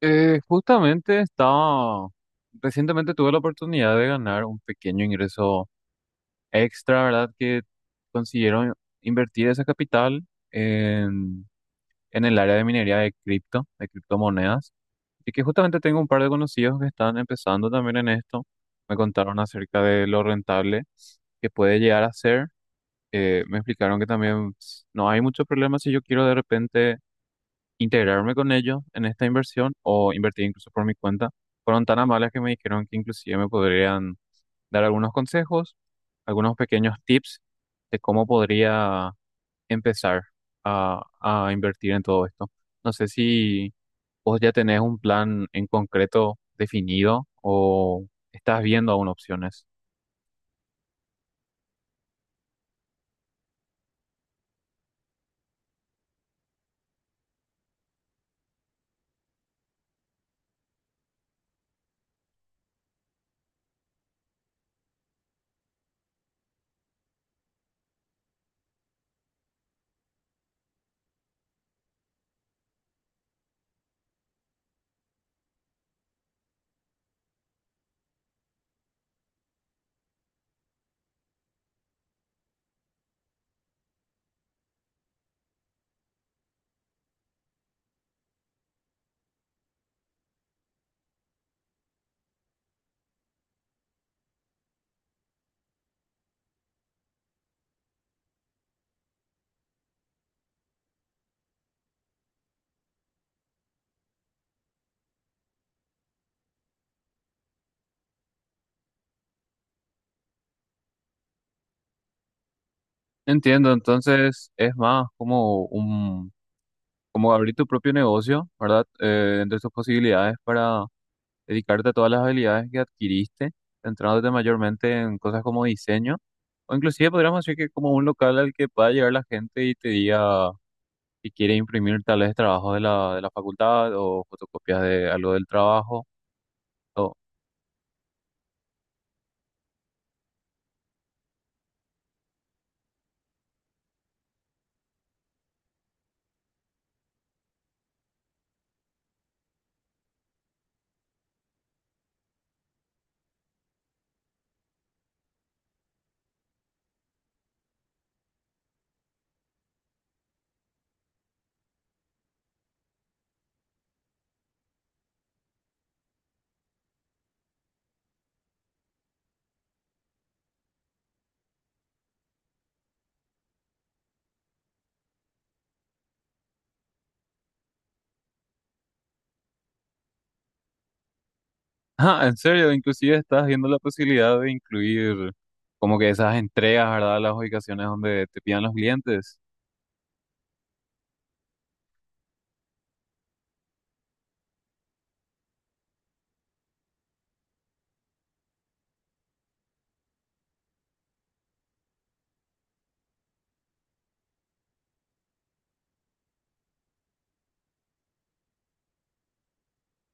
Justamente recientemente tuve la oportunidad de ganar un pequeño ingreso extra, ¿verdad? Que consiguieron invertir esa capital en, en el área de minería de cripto, de criptomonedas. Y que justamente tengo un par de conocidos que están empezando también en esto. Me contaron acerca de lo rentable que puede llegar a ser. Me explicaron que también pues, no hay mucho problema si yo quiero de repente integrarme con ellos en esta inversión o invertir incluso por mi cuenta. Fueron tan amables que me dijeron que inclusive me podrían dar algunos consejos, algunos pequeños tips de cómo podría empezar a invertir en todo esto. No sé si vos ya tenés un plan en concreto definido o estás viendo aún opciones. Entiendo, entonces es más como un, como abrir tu propio negocio, ¿verdad? Entre tus posibilidades para dedicarte a todas las habilidades que adquiriste, centrándote mayormente en cosas como diseño, o inclusive podríamos decir que como un local al que pueda llegar la gente y te diga si quiere imprimir tal vez trabajos de la facultad o fotocopias de algo del trabajo. O, ah, en serio, inclusive estás viendo la posibilidad de incluir como que esas entregas, ¿verdad? Las ubicaciones donde te pidan los clientes.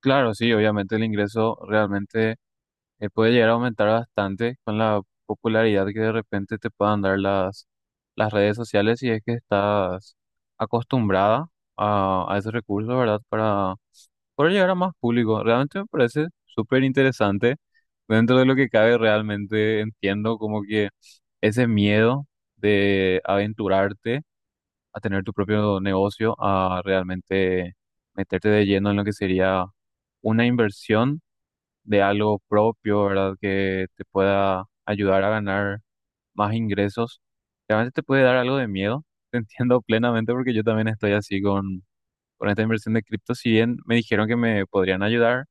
Claro, sí, obviamente el ingreso realmente puede llegar a aumentar bastante con la popularidad que de repente te puedan dar las redes sociales si es que estás acostumbrada a esos recursos, ¿verdad? Para poder llegar a más público. Realmente me parece súper interesante. Dentro de lo que cabe, realmente entiendo como que ese miedo de aventurarte a tener tu propio negocio, a realmente meterte de lleno en lo que sería una inversión de algo propio, ¿verdad? Que te pueda ayudar a ganar más ingresos. Realmente te puede dar algo de miedo, te entiendo plenamente porque yo también estoy así con esta inversión de cripto. Si bien me dijeron que me podrían ayudar,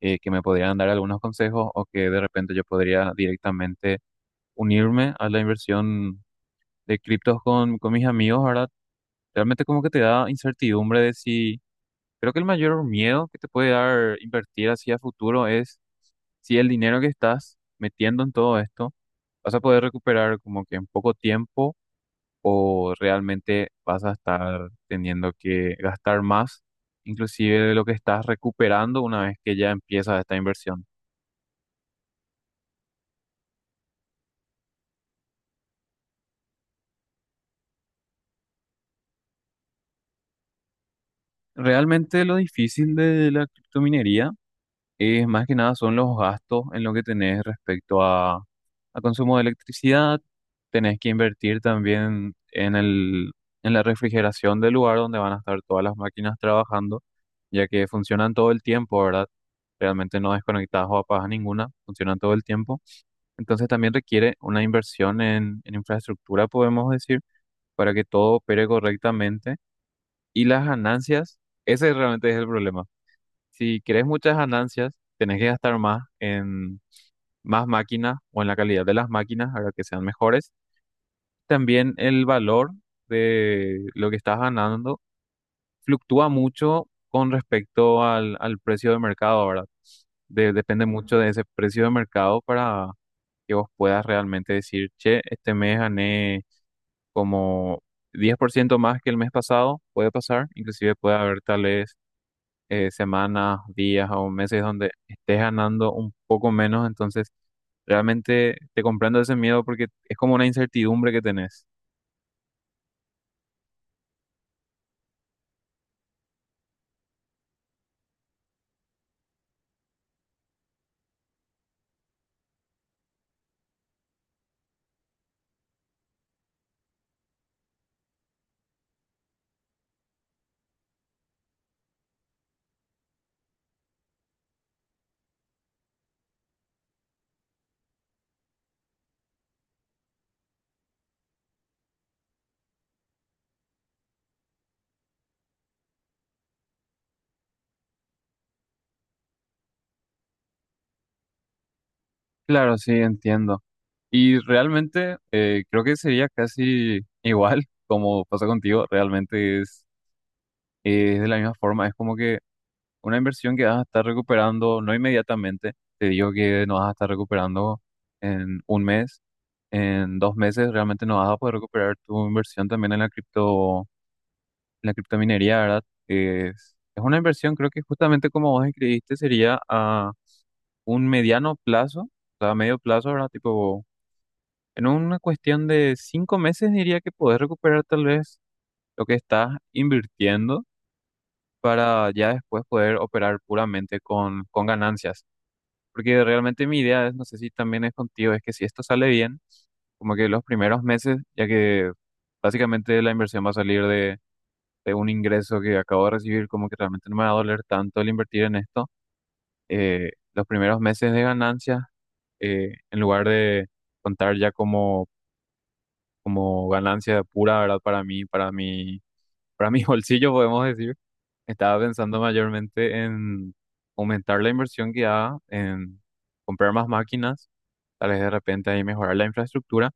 que me podrían dar algunos consejos o que de repente yo podría directamente unirme a la inversión de criptos con mis amigos, ¿verdad? Realmente como que te da incertidumbre de si... Creo que el mayor miedo que te puede dar invertir así a futuro es si el dinero que estás metiendo en todo esto vas a poder recuperar como que en poco tiempo o realmente vas a estar teniendo que gastar más, inclusive de lo que estás recuperando una vez que ya empieza esta inversión. Realmente lo difícil de la criptominería es más que nada son los gastos en lo que tenés respecto a consumo de electricidad. Tenés que invertir también en el, en la refrigeración del lugar donde van a estar todas las máquinas trabajando, ya que funcionan todo el tiempo, ¿verdad? Realmente no desconectadas o apagas ninguna, funcionan todo el tiempo. Entonces también requiere una inversión en infraestructura, podemos decir, para que todo opere correctamente. Y las ganancias, ese realmente es el problema. Si querés muchas ganancias, tenés que gastar más en más máquinas o en la calidad de las máquinas para que sean mejores. También el valor de lo que estás ganando fluctúa mucho con respecto al precio de mercado, ¿verdad? Depende mucho de ese precio de mercado para que vos puedas realmente decir, che, este mes gané como 10% más que el mes pasado, puede pasar, inclusive puede haber tal vez semanas, días o meses donde estés ganando un poco menos, entonces realmente te comprendo ese miedo porque es como una incertidumbre que tenés. Claro, sí, entiendo. Y realmente creo que sería casi igual como pasa contigo, realmente es de la misma forma, es como que una inversión que vas a estar recuperando, no inmediatamente, te digo que no vas a estar recuperando en un mes. En 2 meses realmente no vas a poder recuperar tu inversión también en la cripto. La criptominería, ¿verdad? Es una inversión, creo que justamente como vos escribiste, sería a un mediano plazo, o sea, a medio plazo, ¿verdad? Tipo, en una cuestión de 5 meses diría que podés recuperar tal vez lo que estás invirtiendo para ya después poder operar puramente con ganancias. Porque realmente mi idea es, no sé si también es contigo, es que si esto sale bien, como que los primeros meses, ya que básicamente la inversión va a salir de un ingreso que acabo de recibir, como que realmente no me va a doler tanto el invertir en esto. Los primeros meses de ganancias en lugar de contar ya como, como ganancia pura, ¿verdad? Para mi bolsillo, podemos decir, estaba pensando mayormente en aumentar la inversión que haga, en comprar más máquinas, tal vez de repente ahí mejorar la infraestructura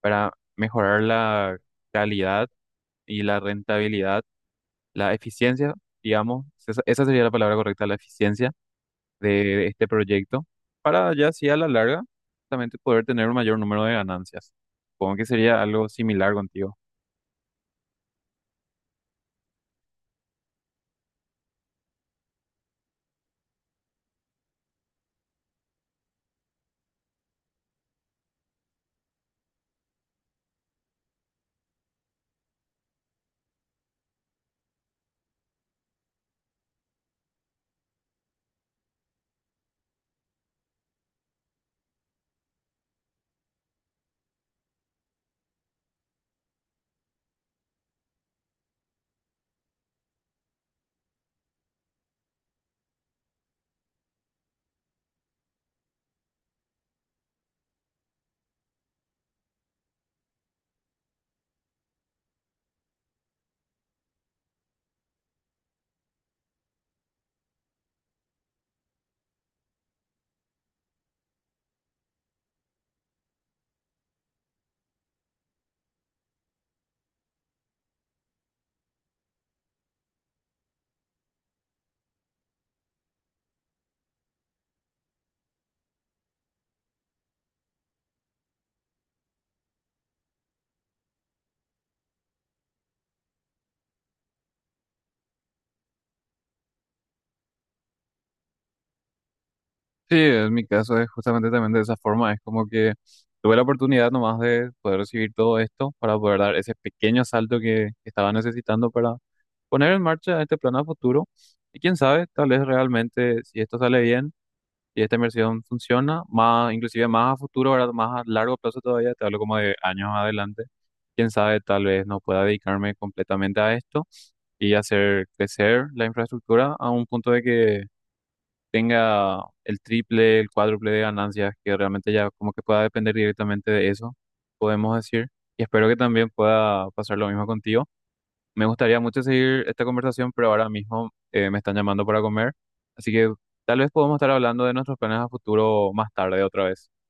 para mejorar la calidad y la rentabilidad la eficiencia, digamos, esa sería la palabra correcta, la eficiencia de este proyecto, para ya así a la larga, justamente poder tener un mayor número de ganancias. Supongo que sería algo similar contigo. Sí, en mi caso es justamente también de esa forma, es como que tuve la oportunidad nomás de poder recibir todo esto para poder dar ese pequeño salto que estaba necesitando para poner en marcha este plan a futuro. Y quién sabe, tal vez realmente, si esto sale bien, y esta inversión funciona, más, inclusive más a futuro, ¿verdad? Más a largo plazo todavía, te hablo como de años adelante. Quién sabe, tal vez no pueda dedicarme completamente a esto y hacer crecer la infraestructura a un punto de que tenga el triple, el cuádruple de ganancias, que realmente ya como que pueda depender directamente de eso, podemos decir. Y espero que también pueda pasar lo mismo contigo. Me gustaría mucho seguir esta conversación, pero ahora mismo me están llamando para comer, así que tal vez podemos estar hablando de nuestros planes a futuro más tarde otra vez.